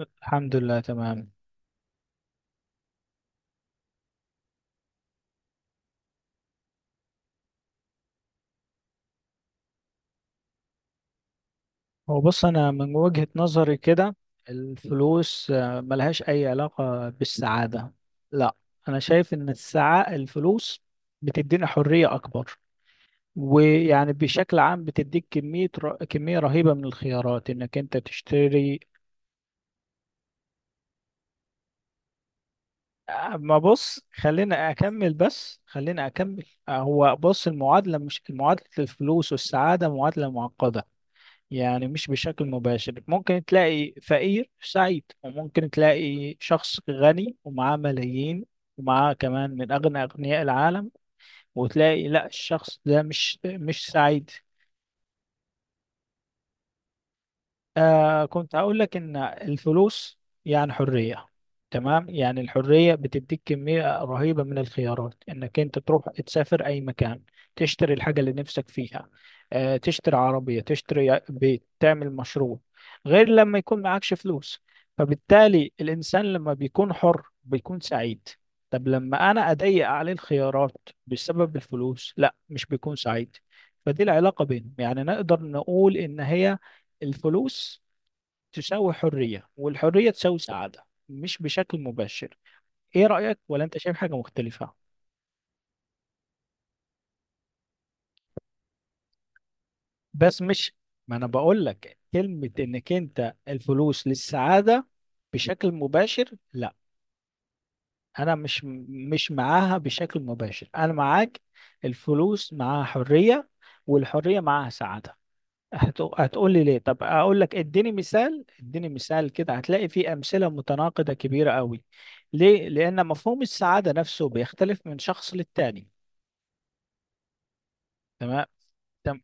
الحمد لله، تمام. هو بص، أنا من وجهة نظري كده، الفلوس ملهاش أي علاقة بالسعادة. لا، أنا شايف إن السعاء الفلوس بتدينا حرية أكبر، ويعني بشكل عام بتديك كمية رهيبة من الخيارات إنك أنت تشتري. ما بص، خلينا أكمل، بس خلينا أكمل. هو بص، المعادلة مش معادلة، الفلوس والسعادة معادلة معقدة. يعني مش بشكل مباشر، ممكن تلاقي فقير سعيد، وممكن تلاقي شخص غني ومعاه ملايين، ومعاه كمان من أغنى أغنياء العالم، وتلاقي لا، الشخص ده مش سعيد. كنت هقول لك ان الفلوس يعني حرية. تمام، يعني الحرية بتديك كمية رهيبة من الخيارات، انك انت تروح تسافر اي مكان، تشتري الحاجة اللي نفسك فيها، تشتري عربية، تشتري بيت، تعمل مشروع، غير لما يكون معكش فلوس. فبالتالي الانسان لما بيكون حر بيكون سعيد. طب لما انا اضيق عليه الخيارات بسبب الفلوس، لا مش بيكون سعيد. فدي العلاقة بينهم، يعني نقدر نقول ان هي الفلوس تساوي حرية، والحرية تساوي سعادة، مش بشكل مباشر. ايه رأيك؟ ولا انت شايف حاجة مختلفة؟ بس مش، ما انا بقول لك كلمة، انك انت الفلوس للسعادة بشكل مباشر لا، انا مش معاها بشكل مباشر، انا معاك. الفلوس معاها حرية، والحرية معاها سعادة. هتقول لي ليه؟ طب اقول لك، اديني مثال كده، هتلاقي فيه امثله متناقضه كبيره قوي. ليه؟ لان مفهوم السعاده نفسه بيختلف من شخص للتاني. تمام، تمام.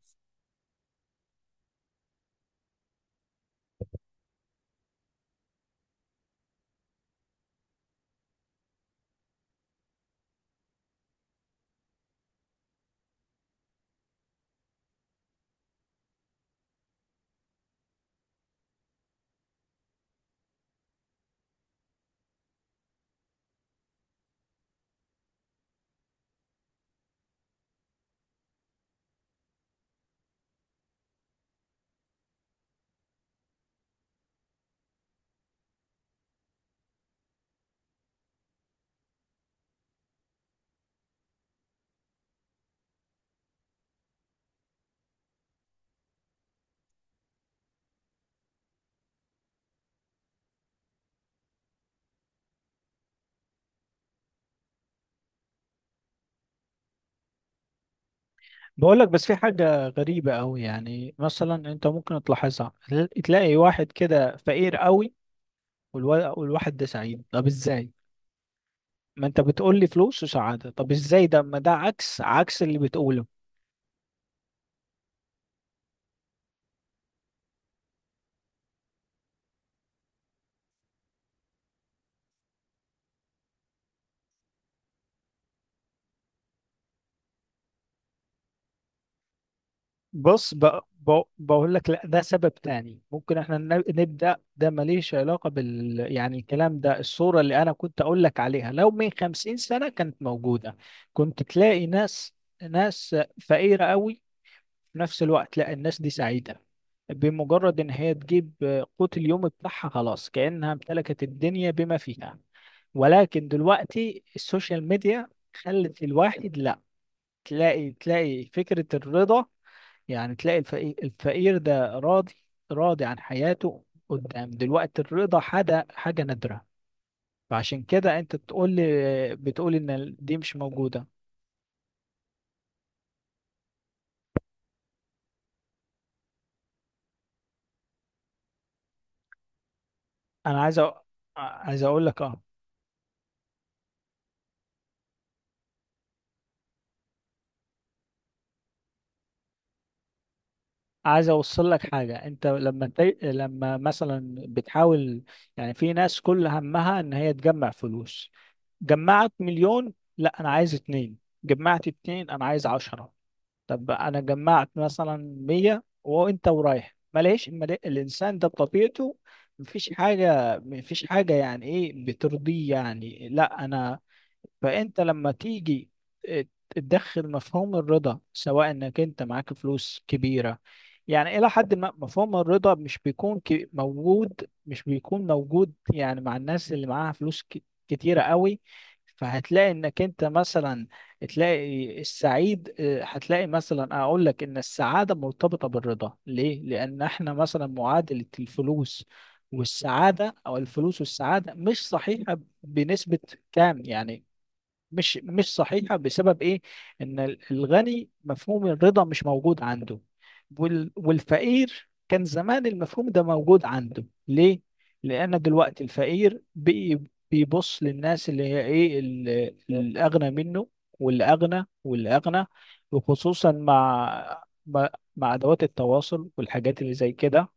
بقول لك بس في حاجه غريبه قوي، يعني مثلا انت ممكن تلاحظها، تلاقي واحد كده فقير قوي، والواحد ده سعيد. طب ازاي؟ ما انت بتقول لي فلوس وسعاده، طب ازاي؟ ده ما ده عكس اللي بتقوله. بص، بقول لك لا، ده سبب تاني ممكن احنا نبدأ، ده ماليش علاقة يعني، الكلام ده الصورة اللي انا كنت اقول لك عليها، لو من 50 سنة كانت موجودة، كنت تلاقي ناس فقيرة قوي، في نفس الوقت لا، الناس دي سعيدة. بمجرد ان هي تجيب قوت اليوم بتاعها، خلاص كأنها امتلكت الدنيا بما فيها. ولكن دلوقتي السوشيال ميديا خلت الواحد لا، تلاقي فكرة الرضا، يعني تلاقي الفقير ده راضي، راضي عن حياته. قدام دلوقتي الرضا حاجة نادرة، فعشان كده انت بتقول لي، بتقول ان دي مش موجودة. انا عايز اقول لك، اه، عايز اوصل لك حاجة. انت لما لما مثلا بتحاول، يعني في ناس كل همها ان هي تجمع فلوس، جمعت مليون، لا انا عايز اتنين، جمعت اتنين انا عايز 10، طب انا جمعت مثلا 100 وانت ورايح، ما لقيش ما لقي- الانسان ده بطبيعته مفيش حاجه يعني ايه بترضيه، يعني لا، انا، فانت لما تيجي تدخل مفهوم الرضا. سواء انك انت معاك فلوس كبيرة، يعني الى حد ما مفهوم الرضا مش بيكون موجود، يعني مع الناس اللي معاها فلوس كتيرة قوي. فهتلاقي انك انت مثلا تلاقي السعيد، هتلاقي مثلا، اقول لك ان السعادة مرتبطة بالرضا. ليه؟ لان احنا مثلا معادلة الفلوس والسعادة، او الفلوس والسعادة مش صحيحة بنسبة كام يعني. مش صحيحة بسبب ايه؟ ان الغني مفهوم الرضا مش موجود عنده، والفقير كان زمان المفهوم ده موجود عنده. ليه؟ لان دلوقتي الفقير بيبص للناس اللي هي ايه، الاغنى منه، والاغنى والاغنى، وخصوصا مع ادوات التواصل والحاجات اللي زي كده.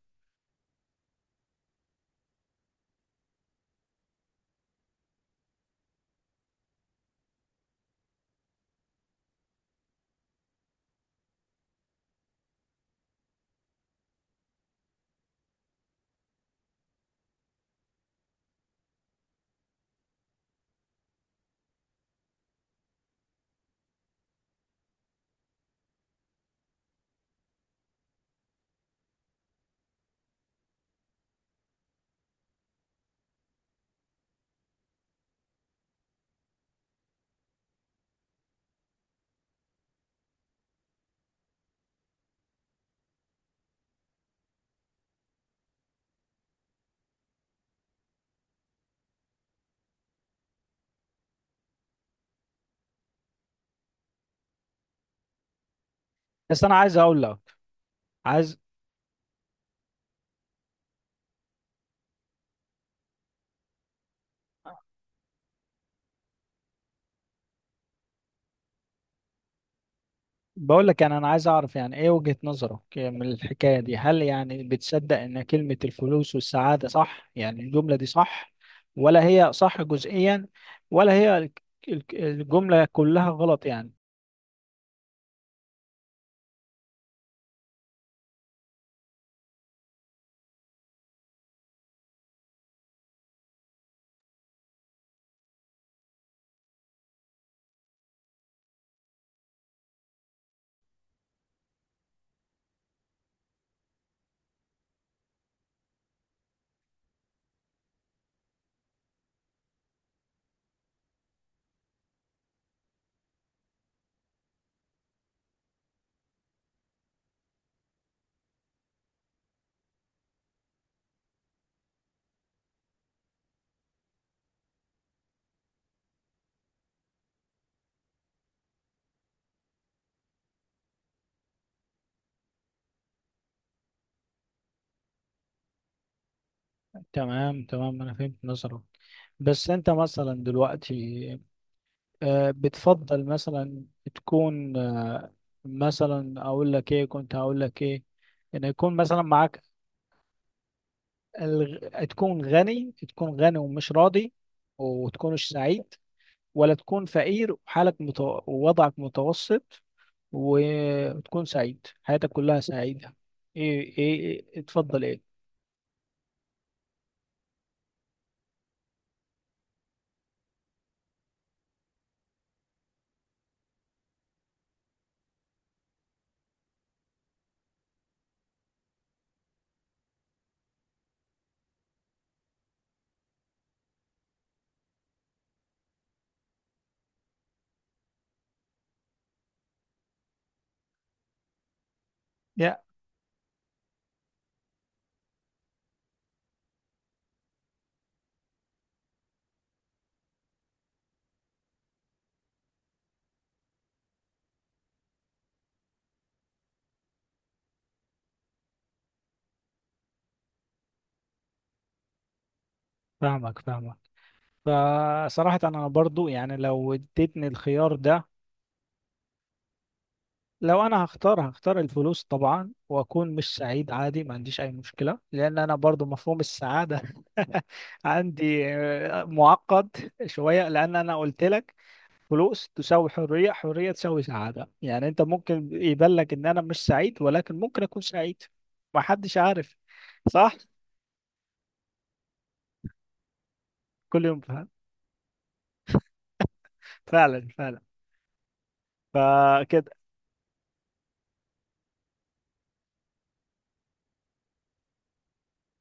بس انا عايز اقول لك، عايز بقول لك، يعني انا عايز اعرف يعني ايه وجهة نظرك من الحكاية دي. هل يعني بتصدق ان كلمة الفلوس والسعادة صح؟ يعني الجملة دي صح، ولا هي صح جزئيا، ولا هي الجملة كلها غلط يعني؟ تمام، تمام، انا فهمت نظرك. بس انت مثلا دلوقتي بتفضل مثلا تكون، مثلا اقول لك ايه، كنت هقول لك ايه، ان يكون مثلا معاك، تكون غني ومش راضي وتكونش سعيد، ولا تكون فقير ووضعك متوسط وتكون سعيد حياتك كلها سعيدة. ايه، ايه، اتفضل ايه. يا فاهمك فصراحة انا برضو يعني لو اديتني الخيار ده، لو انا هختار الفلوس طبعا، واكون مش سعيد عادي، ما عنديش اي مشكلة، لان انا برضو مفهوم السعادة عندي معقد شوية. لان انا قلت لك فلوس تساوي حرية، حرية تساوي سعادة، يعني انت ممكن يبان لك ان انا مش سعيد، ولكن ممكن اكون سعيد. ما حدش عارف. صح. كل يوم فعلا، فعلا، فعلا. فكده،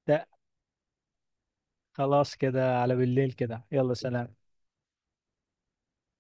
ده خلاص كده، على بالليل كده، يلا، سلام.